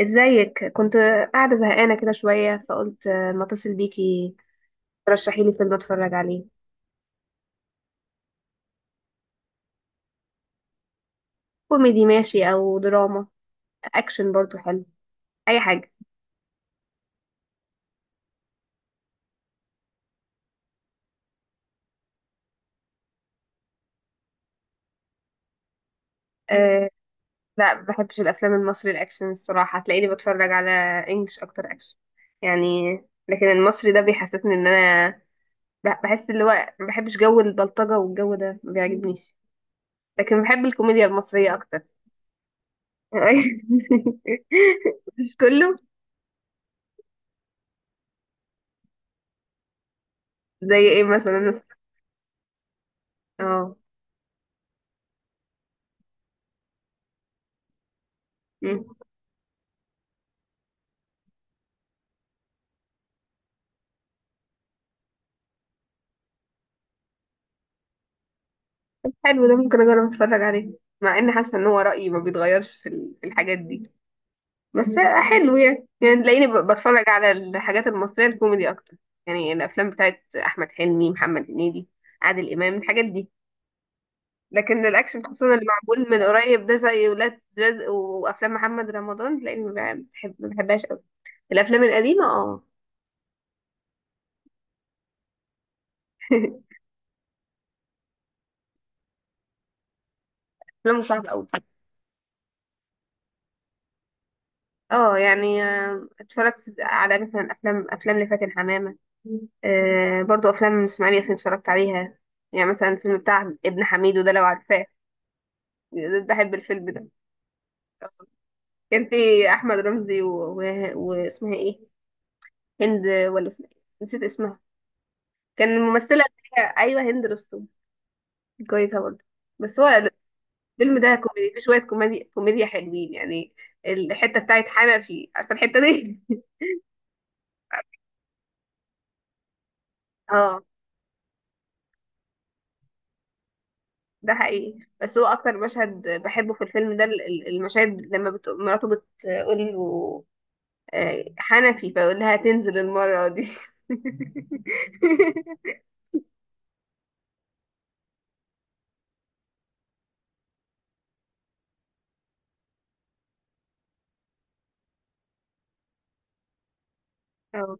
ازيك؟ كنت قاعدة زهقانة كده شوية، فقلت ما اتصل بيكي ترشحي لي فيلم اتفرج عليه. كوميدي ماشي، او دراما، اكشن برضو حلو، اي حاجة. مم. أه. لا، ما بحبش الافلام المصري الاكشن الصراحة. هتلاقيني بتفرج على انجلش اكتر، اكشن يعني. لكن المصري ده بيحسسني ان انا بحس اللي هو ما بحبش جو البلطجة، والجو ده ما بيعجبنيش. لكن بحب الكوميديا المصرية اكتر. مش كله. زي ايه مثلا؟ اه، حلو، ده ممكن اجرب اتفرج عليه. مع اني حاسه ان هو رايي ما بيتغيرش في في الحاجات دي بس. حلو، يعني تلاقيني بتفرج على الحاجات المصريه الكوميدي اكتر. يعني الافلام بتاعت احمد حلمي، محمد هنيدي، عادل امام، الحاجات دي. لكن الاكشن خصوصا اللي معمول من قريب ده، زي ولاد رزق وافلام محمد رمضان، تلاقيني ما بحبهاش قوي. الافلام القديمه، اه. افلام صعبه قوي. اه، يعني اتفرجت على مثلا افلام لفاتن حمامة. برضو افلام اسماعيل ياسين اتفرجت عليها. يعني مثلا الفيلم بتاع ابن حميدو ده، لو عارفاه. بحب الفيلم ده. كان في احمد رمزي و... واسمها ايه، هند ولا اسمها إيه؟ نسيت اسمها. كان الممثله اللي هي، ايوه، هند رستم. كويسه برضه، بس هو الفيلم ده كوميدي، في شويه كوميديا كوميديا حلوين يعني. الحته بتاعت حنا فيه، عارفه الحته دي؟ اه، ده حقيقي. بس هو اكتر مشهد بحبه في الفيلم ده المشاهد لما مراته بتقول له حنفي، فيقول لها تنزل المرة دي. أو.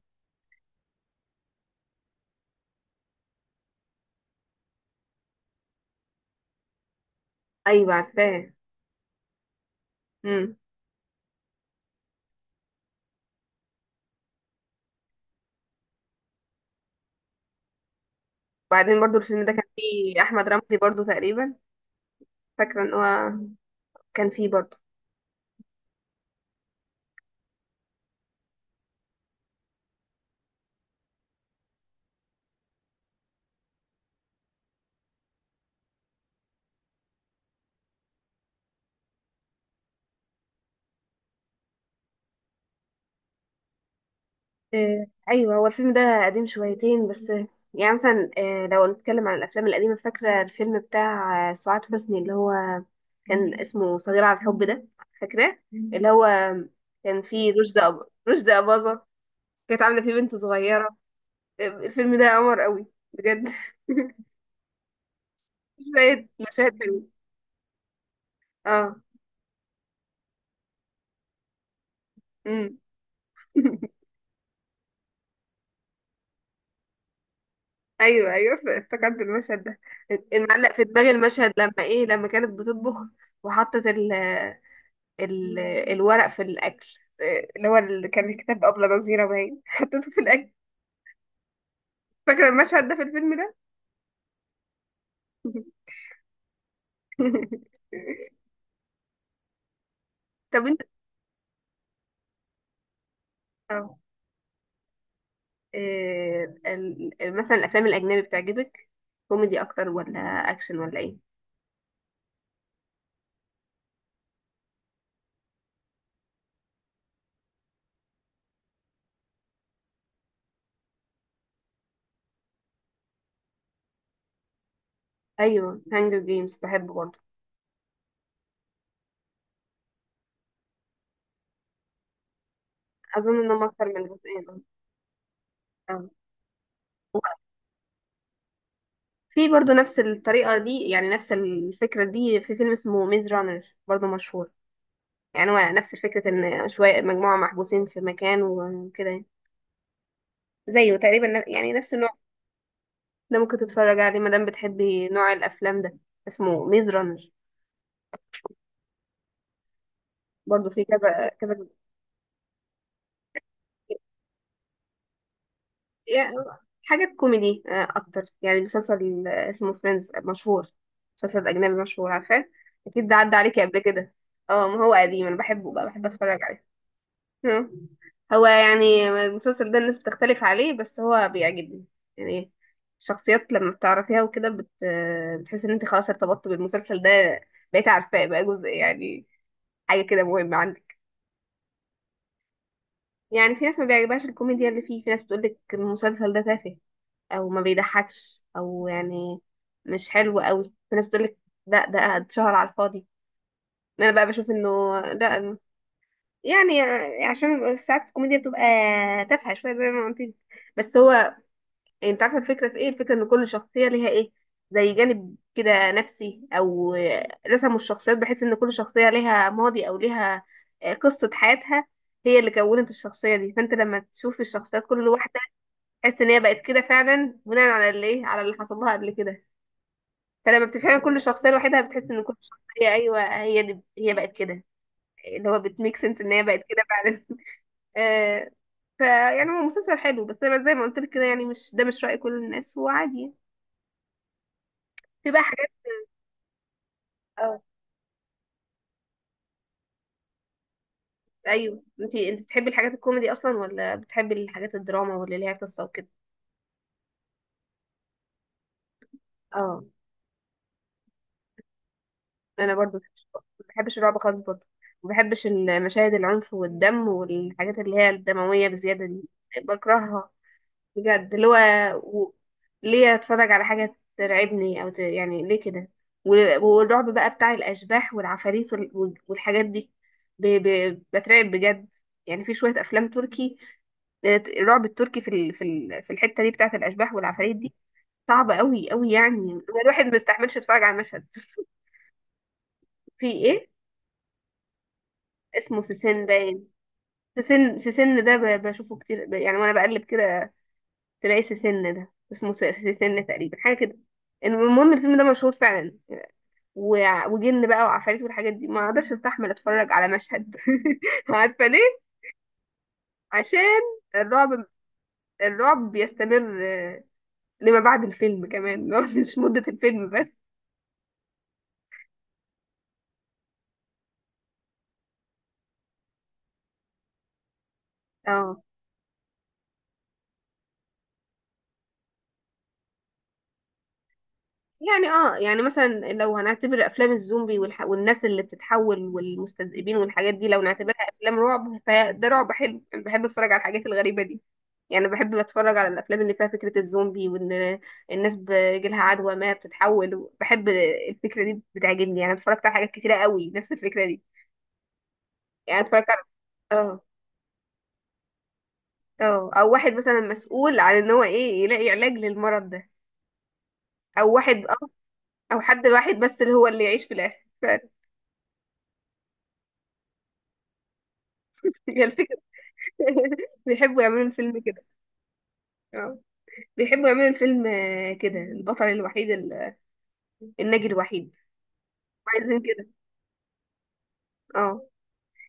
ايوه عارفاه. امم. وبعدين برضو الفيلم ده كان فيه احمد رمزي برضو تقريبا، فاكره ان هو كان فيه برضو. ايوه، هو الفيلم ده قديم شويتين بس. يعني مثلا لو نتكلم عن الافلام القديمه، فاكره الفيلم بتاع سعاد حسني، اللي هو كان اسمه صغير على الحب ده، فاكراه؟ اللي هو كان فيه رشدي أباظة، كانت عاملة فيه بنت صغيرة. الفيلم ده قمر قوي، بجد. شوية مشاهد حلوة. اه. امم. ايوه، ايوه، افتكرت المشهد ده. المعلق في دماغي المشهد لما كانت بتطبخ وحطت ال ال الورق في الاكل. إيه، اللي كان كتاب ابله نظيره باين حطيته في الاكل. فاكره المشهد ده في الفيلم ده. طب انت. اه. مثلا الافلام الاجنبي بتعجبك؟ كوميدي اكتر ولا اكشن ولا ايه؟ ايوه، هانجر جيمز بحبه برضه. اظن انهم اكتر من جزئين، اه. في برضه نفس الطريقه دي، يعني نفس الفكره دي، في فيلم اسمه ميز رانر برضه مشهور. يعني هو نفس فكره ان شويه مجموعه محبوسين في مكان وكده يعني. زيه تقريبا يعني نفس النوع. ده ممكن تتفرج عليه ما دام بتحبي نوع الافلام ده. اسمه ميز رانر. برضه في كذا كذا. يعني حاجة كوميدي أكتر، يعني مسلسل اسمه فريندز، مشهور، مسلسل أجنبي مشهور، عارفاه؟ أكيد ده عدى عليكي قبل كده. اه، ما هو قديم، أنا بحبه بقى، بحب أتفرج عليه. آه. هو يعني المسلسل ده الناس بتختلف عليه، بس هو بيعجبني يعني. الشخصيات لما بتعرفيها وكده بت... آه، بتحس إن أنت خلاص ارتبطت بالمسلسل ده، بقيت عارفاه بقى جزء يعني، حاجة كده مهمة عندك. يعني في ناس ما بيعجبهاش الكوميديا اللي فيه، في ناس بتقولك المسلسل ده تافه، او ما بيضحكش، او يعني مش حلو قوي. في ناس بتقولك لا، ده اتشهر على الفاضي. انا بقى بشوف انه لا. يعني عشان ساعات الكوميديا بتبقى تافهه شويه زي ما قلت لك. بس هو، انت عارفه الفكره في ايه؟ الفكره ان كل شخصيه ليها ايه، زي جانب كده نفسي، او رسموا الشخصيات بحيث ان كل شخصيه ليها ماضي، او ليها قصه حياتها هي اللي كونت الشخصيه دي. فانت لما تشوف الشخصيات كل واحده، تحس ان هي بقت كده فعلا، بناء على اللي ايه على اللي حصل لها قبل كده. فلما بتفهمي كل شخصيه لوحدها، بتحس ان كل شخصيه، ايوه هي دي، هي بقت كده. اللي هو بتميك سنس ان هي بقت كده فعلا. آه. فيعني هو مسلسل حلو، بس انا زي ما قلت لك كده، يعني مش راي كل الناس، وعادي. في بقى حاجات. اه. ايوه، انت بتحبي الحاجات الكوميدي اصلا، ولا بتحبي الحاجات الدراما واللي ليها قصه وكده؟ اه. انا برضو ما بحبش الرعب خالص برضو. ما بحبش المشاهد العنف والدم، والحاجات اللي هي الدمويه بزياده دي، بكرهها بجد اللي هو. و... ليه اتفرج على حاجة ترعبني، او يعني ليه كده؟ والرعب بقى بتاع الاشباح والعفاريت والحاجات دي بترعب بجد. يعني في شوية افلام تركي، الرعب التركي في الحتة دي بتاعة الاشباح والعفاريت دي، صعبة قوي قوي، يعني أنا الواحد ما يستحملش يتفرج على المشهد. في ايه؟ اسمه سيسين باين. سيسين ده بشوفه كتير، يعني وانا بقلب كده تلاقي سيسن ده، اسمه سيسن تقريبا، حاجه كده. المهم الفيلم ده مشهور فعلا. وجن بقى وعفاريت والحاجات دي، ما اقدرش استحمل اتفرج على مشهد. عارفه ليه؟ عشان الرعب الرعب بيستمر لما بعد الفيلم كمان. مش مده الفيلم بس. اه يعني، مثلا لو هنعتبر افلام الزومبي والناس اللي بتتحول والمستذئبين والحاجات دي، لو نعتبرها افلام رعب، فده رعب حلو، انا بحب اتفرج على الحاجات الغريبه دي. يعني بحب اتفرج على الافلام اللي فيها فكره الزومبي، وان الناس بيجيلها عدوى ما بتتحول، بحب الفكره دي، بتعجبني يعني. اتفرجت على حاجات كتيره قوي نفس الفكره دي. يعني اتفرجت على، اه اه او واحد مثلا مسؤول عن ان هو ايه يلاقي علاج للمرض ده، او واحد، او حد واحد بس اللي هو اللي يعيش في الاخر هي الفكره. بيحبوا يعملوا الفيلم كده. اه. بيحبوا يعملوا الفيلم كده، البطل الوحيد، الناجي الوحيد، عايزين كده. اه،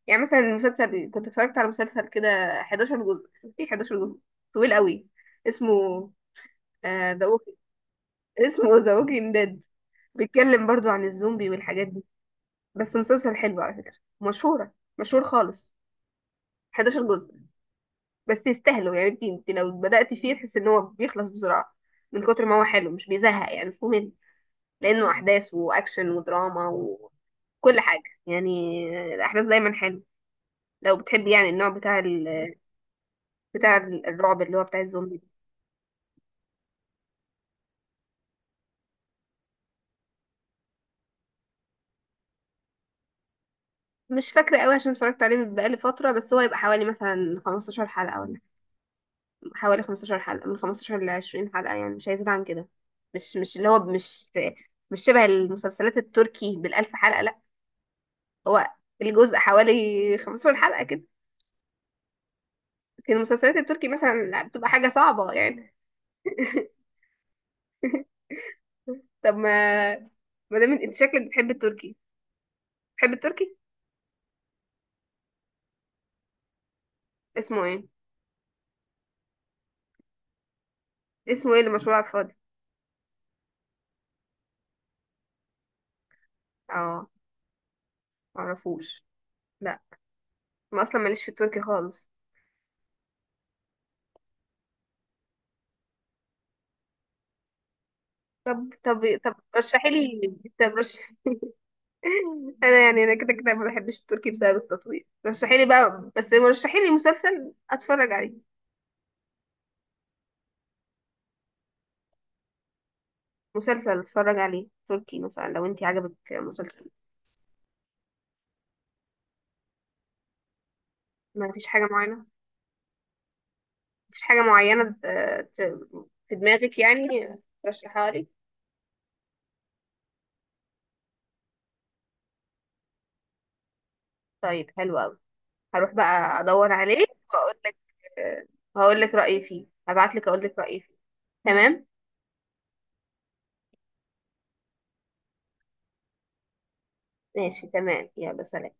يعني مثلا المسلسل كنت اتفرجت على مسلسل كده، 11 جزء، ايه 11 جزء، طويل قوي، اسمه ذا ووكينج اسمه ذا ووكينج ديد. بيتكلم برضو عن الزومبي والحاجات دي. بس مسلسل حلو على فكرة، مشهورة مشهور خالص. 11 جزء، بس يستاهلوا يعني. انت لو بدأت فيه تحس ان هو بيخلص بسرعة، من كتر ما هو حلو، مش بيزهق يعني، مش ممل، لأنه أحداث وأكشن ودراما وكل حاجة يعني. الأحداث دايما حلوة. لو بتحبي يعني النوع بتاع الرعب، اللي هو بتاع الزومبي ده. مش فاكرة قوي عشان اتفرجت عليه من بقالي فترة، بس هو يبقى حوالي مثلا 15 حلقة، ولا حوالي 15 حلقة، من 15 ل 20 حلقة يعني، مش هيزيد عن كده. مش مش اللي هو مش شبه المسلسلات التركي بالألف حلقة، لا. هو الجزء حوالي 15 حلقة كده. لكن المسلسلات التركي مثلا، لا، بتبقى حاجة صعبة يعني. طب، ما دام انت شكلك بتحب التركي، بتحب التركي. اسمه ايه؟ اسمه ايه اللي مشهور على الفاضي؟ اه، معرفوش، لا. ما اصلا ماليش في التركي خالص. طب رشحي لي. طب رش انا، كده كده ما بحبش التركي بسبب التطوير. رشحي لي بقى، بس رشحي لي مسلسل اتفرج عليه، مسلسل اتفرج عليه تركي مثلا، لو انت عجبك مسلسل. ما فيش حاجه معينه مفيش حاجه معينه ت- في دماغك يعني، ترشحها لي؟ طيب، حلو قوي. هروح بقى ادور عليه واقول لك، هقول لك رايي فيه. هبعت لك اقول لك رايي فيه. تمام. ماشي، تمام، يلا، سلام.